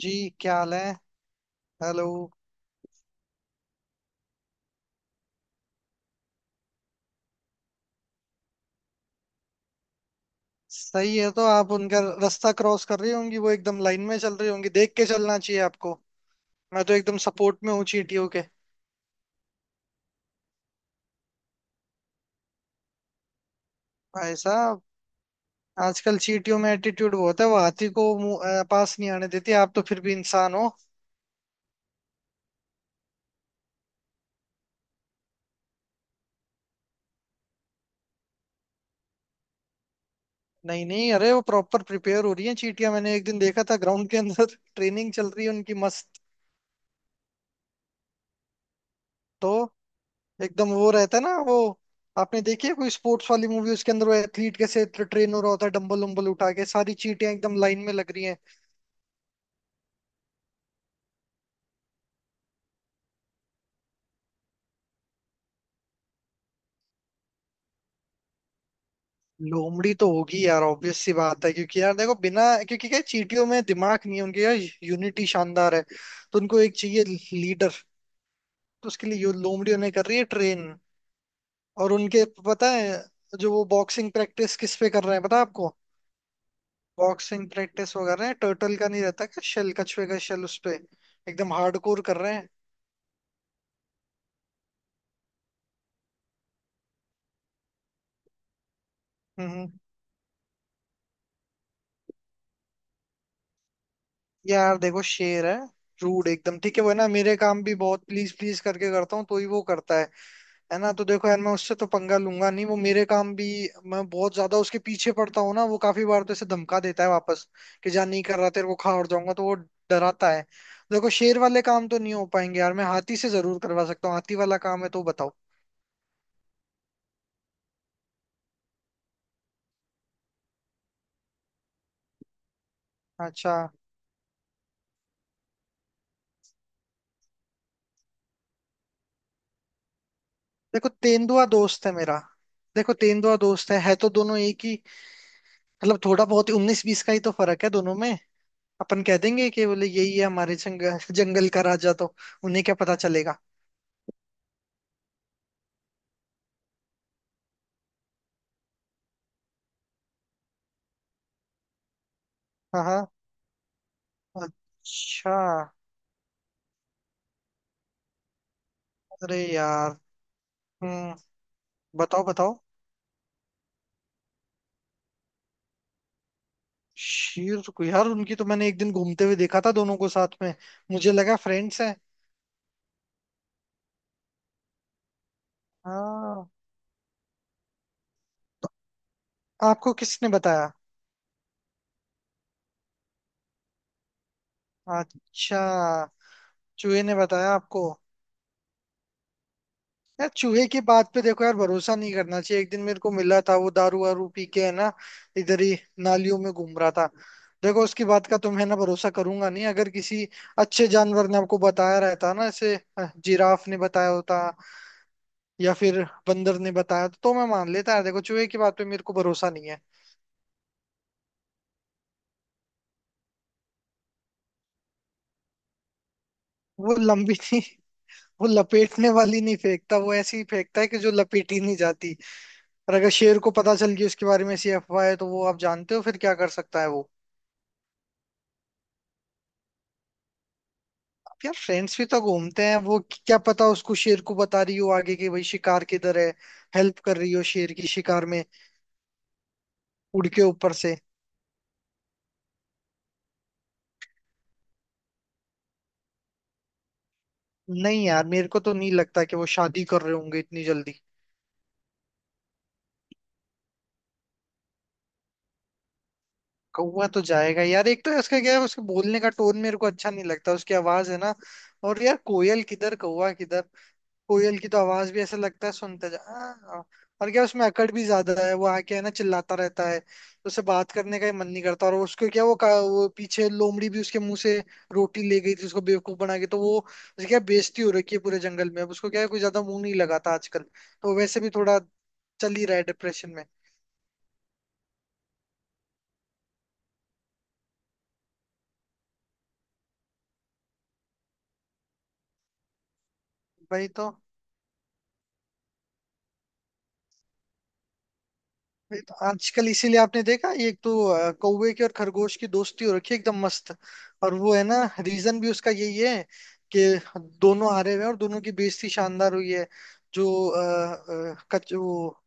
जी। क्या हाल है? हेलो। सही है। तो आप उनका रास्ता क्रॉस कर रही होंगी, वो एकदम लाइन में चल रही होंगी, देख के चलना चाहिए आपको। मैं तो एकदम सपोर्ट में हूँ चींटियों के। भाई साहब। आजकल चींटियों में एटीट्यूड बहुत है, वो हाथी को पास नहीं आने देती। आप तो फिर भी इंसान हो। नहीं नहीं, अरे वो प्रॉपर प्रिपेयर हो रही है चींटियां। मैंने एक दिन देखा था ग्राउंड के अंदर ट्रेनिंग चल रही है उनकी मस्त। तो एकदम वो रहता है ना वो। आपने देखी है कोई स्पोर्ट्स वाली मूवी? उसके अंदर वो एथलीट कैसे ट्रेन हो रहा होता है, डंबल उम्बल उठा के। सारी चींटियां एकदम लाइन में लग रही हैं। लोमड़ी तो होगी यार, ऑब्वियस सी बात है। क्योंकि यार देखो, बिना, क्योंकि क्या है, चींटियों में दिमाग नहीं है उनके यार। यूनिटी शानदार है, तो उनको एक चाहिए, लीडर। तो उसके लिए लोमड़ी उन्हें कर रही है ट्रेन। और उनके पता है, जो वो बॉक्सिंग प्रैक्टिस किस पे कर रहे हैं पता है आपको? बॉक्सिंग प्रैक्टिस वो कर रहे हैं, टर्टल का नहीं रहता क्या शेल, कछुए का शेल उस पे। एकदम हार्डकोर कर रहे हैं। हम्म हम्म। यार देखो, शेर है। रूड एकदम ठीक है वो है ना। मेरे काम भी बहुत प्लीज प्लीज करके करता हूँ तो ही वो करता है। है ना। तो देखो यार, मैं उससे तो पंगा लूंगा नहीं, वो मेरे काम भी। मैं बहुत ज्यादा उसके पीछे पड़ता हूँ ना, वो काफी बार तो ऐसे धमका देता है वापस। कि जा नहीं कर रहा, तेरे को खा और जाऊंगा तो वो। डराता है। देखो, शेर वाले काम तो नहीं हो पाएंगे यार। मैं हाथी से जरूर करवा सकता हूँ, हाथी वाला काम है तो बताओ। अच्छा। देखो, तेंदुआ दोस्त है मेरा। देखो, तेंदुआ दोस्त है तो दोनों एक ही। मतलब थोड़ा बहुत उन्नीस बीस का ही तो फर्क है दोनों में। अपन कह देंगे कि बोले, यही है हमारे जंगल जंगल का राजा, तो उन्हें क्या पता चलेगा। हाँ हाँ। अच्छा। अरे यार। हम्म। बताओ बताओ। शेर को यार, उनकी तो मैंने एक दिन घूमते हुए देखा था दोनों को साथ में। मुझे लगा फ्रेंड्स हैं। हाँ। तो आपको किसने बताया? अच्छा। चूहे ने बताया आपको? यार चूहे की बात पे देखो यार, भरोसा नहीं करना चाहिए। एक दिन मेरे को मिला था वो, दारू वारू पी के है ना। इधर ही। नालियों में घूम रहा था। देखो, उसकी बात का तो मैं ना भरोसा करूंगा नहीं। अगर किसी अच्छे जानवर ने आपको बताया रहता ना, ऐसे जिराफ ने बताया होता, या फिर बंदर ने बताया तो मैं मान लेता यार। देखो, चूहे की बात पे मेरे को भरोसा नहीं है। वो लंबी नहीं। वो लपेटने वाली नहीं फेंकता, वो ऐसी ही फेंकता है कि जो लपेटी नहीं जाती। और अगर शेर को पता चल गई, उसके बारे में ऐसी अफवाह है, तो वो आप जानते हो फिर क्या कर सकता है वो। अब यार, फ्रेंड्स भी तो घूमते हैं। वो क्या पता, उसको, शेर को बता रही हो आगे, कि भाई शिकार किधर है। हेल्प कर रही हो शेर की शिकार में। उड़ के ऊपर से। नहीं यार, मेरे को तो नहीं लगता कि वो शादी कर रहे होंगे इतनी जल्दी। कौवा तो जाएगा यार। एक तो उसका क्या है, उसके बोलने का टोन मेरे को अच्छा नहीं लगता, उसकी आवाज है ना। और यार, कोयल किधर, कौवा किधर। कोयल की तो आवाज भी ऐसा लगता है सुनते जा। और क्या उसमें अकड़ भी ज्यादा है, वो आके है ना चिल्लाता रहता है, तो उसे बात करने का ही मन नहीं करता। और उसको क्या, वो वो पीछे लोमड़ी भी उसके मुंह से रोटी ले गई थी, उसको बेवकूफ बना के, तो वो उसे क्या, बेइज्जती हो रखी है पूरे जंगल में। अब उसको क्या है, कोई ज्यादा मुंह नहीं लगाता आजकल, तो वैसे भी थोड़ा चल ही रहा है डिप्रेशन में। वही तो। ये तो आजकल इसीलिए आपने देखा, ये एक तो कौवे की और खरगोश की दोस्ती हो रखी है एकदम मस्त। और वो है ना, रीजन भी उसका यही है, कि दोनों हारे हुए हैं और दोनों की बेइज्जती शानदार हुई है। जो अ, अ, कच वो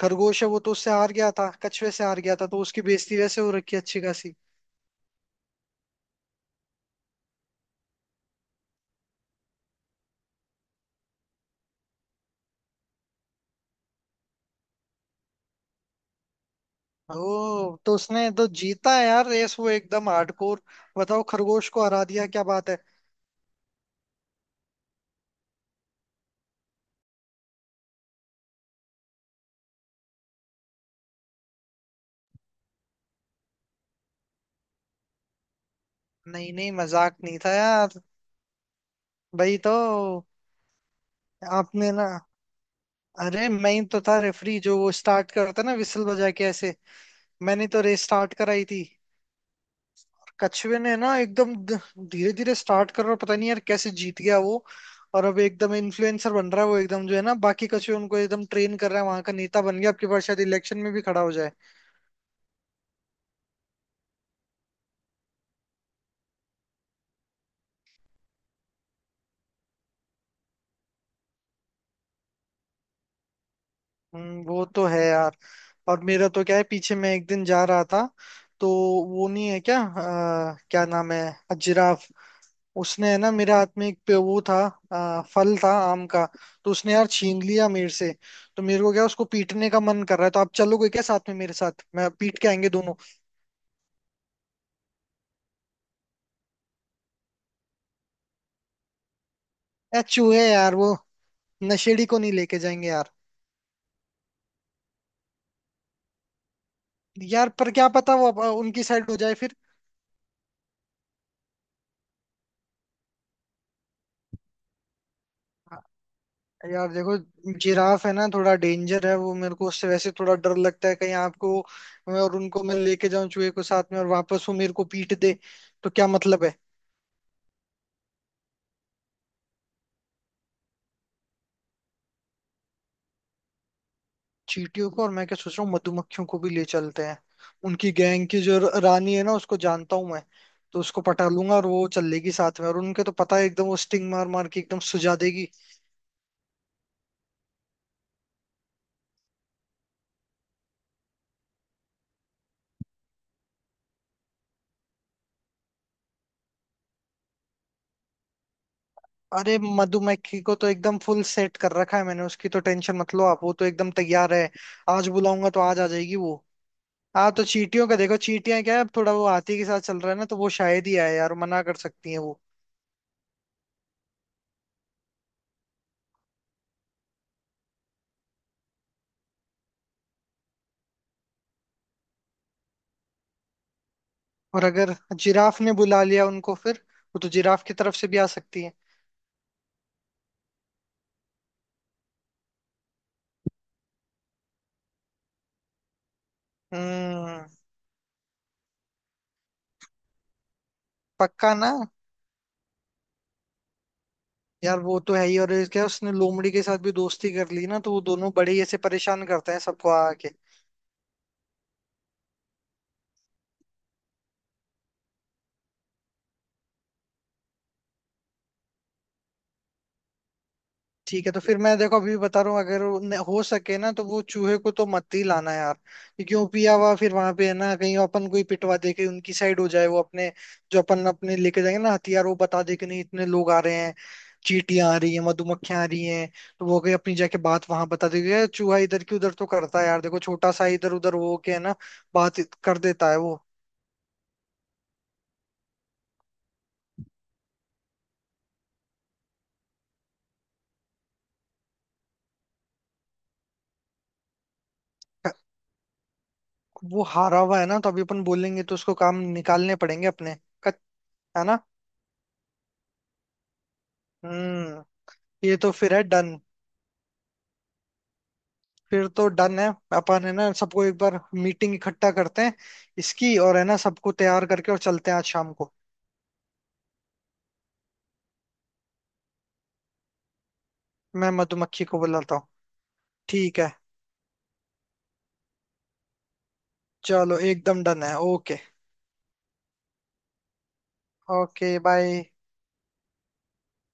खरगोश है, वो तो उससे हार गया था, कछुए से हार गया था, तो उसकी बेइज्जती वैसे हो रखी है अच्छी खासी। ओ, तो उसने तो जीता है यार रेस, वो एकदम हार्डकोर। बताओ, खरगोश को हरा दिया, क्या बात है। नहीं नहीं, मजाक नहीं था यार। भाई तो। आपने ना। अरे, मैं ही तो था रेफरी, जो वो स्टार्ट करता ना विसल बजा के ऐसे। मैंने तो रेस स्टार्ट कराई थी। कछुए ने ना एकदम धीरे धीरे स्टार्ट कर, और पता नहीं यार कैसे जीत गया वो। और अब एकदम इन्फ्लुएंसर बन रहा है वो एकदम, जो है ना बाकी कछुए उनको एकदम ट्रेन कर रहा है, वहां का नेता बन गया। अब की बार शायद इलेक्शन में भी खड़ा हो जाए। वो तो है यार। और मेरा तो क्या है, पीछे मैं एक दिन जा रहा था, तो वो नहीं है क्या, क्या नाम है, जिराफ। उसने है ना मेरे हाथ में एक पे वो था, फल था आम का। तो उसने यार छीन लिया मेरे से। तो मेरे को क्या, उसको पीटने का मन कर रहा है, तो आप चलोगे क्या साथ में मेरे साथ? मैं पीट के आएंगे दोनों। यार चूहे यार, वो नशेड़ी को नहीं लेके जाएंगे यार। यार पर क्या पता वो उनकी साइड हो जाए फिर। यार देखो, जिराफ है ना थोड़ा डेंजर है वो, मेरे को उससे वैसे थोड़ा डर लगता है, कहीं आपको। मैं और उनको, मैं लेके जाऊं चूहे को साथ में, और वापस वो मेरे को पीट दे। तो क्या मतलब है। चींटियों को, और मैं क्या सोच रहा हूँ, मधुमक्खियों को भी ले चलते हैं। उनकी गैंग की जो रानी है ना, उसको जानता हूँ मैं। तो उसको पटा लूंगा और वो चल लेगी साथ में, और उनके तो पता है, एकदम वो स्टिंग मार मार के एकदम सुझा देगी। अरे, मधुमक्खी को तो एकदम फुल सेट कर रखा है मैंने, उसकी तो टेंशन मत लो आप, वो तो एकदम तैयार है। आज बुलाऊंगा तो आज आ जाएगी वो। हाँ, तो चींटियों का देखो, चींटियां क्या है, अब थोड़ा वो हाथी के साथ चल रहा है ना, तो वो शायद ही आए यार, मना कर सकती है वो। और अगर जिराफ ने बुला लिया उनको फिर, वो तो जिराफ की तरफ से भी आ सकती है। हम्म। पक्का ना? यार वो तो है ही, और क्या उसने लोमड़ी के साथ भी दोस्ती कर ली ना, तो वो दोनों बड़े ही ऐसे परेशान करते हैं सबको आके। ठीक है, तो फिर मैं देखो, अभी भी बता रहा हूँ, अगर वो हो सके ना, तो वो चूहे को तो मत ही लाना यार। क्योंकि वो पिया हुआ फिर वहां पे है ना, कहीं अपन कोई पिटवा दे के उनकी साइड हो जाए वो अपने। जो अपन अपने लेके जाएंगे ना हथियार, वो बता दे कि नहीं, इतने लोग आ रहे हैं। चींटियां आ रही हैं, मधुमक्खियां आ रही हैं। तो वो कहीं अपनी जाके बात वहां बता देगी यार, चूहा इधर की उधर तो करता है यार, देखो छोटा सा इधर उधर हो के है ना बात कर देता है वो। वो हारा हुआ है ना, तो अभी अपन बोलेंगे तो उसको काम निकालने पड़ेंगे अपने। कच- है ना। हम्म। ये तो फिर है डन। फिर तो डन है। अपन है ना सबको एक बार मीटिंग इकट्ठा करते हैं इसकी, और है ना सबको तैयार करके और चलते हैं आज शाम को। मैं मधुमक्खी को बुलाता हूँ। ठीक है। चलो एकदम डन है, ओके। Okay bye.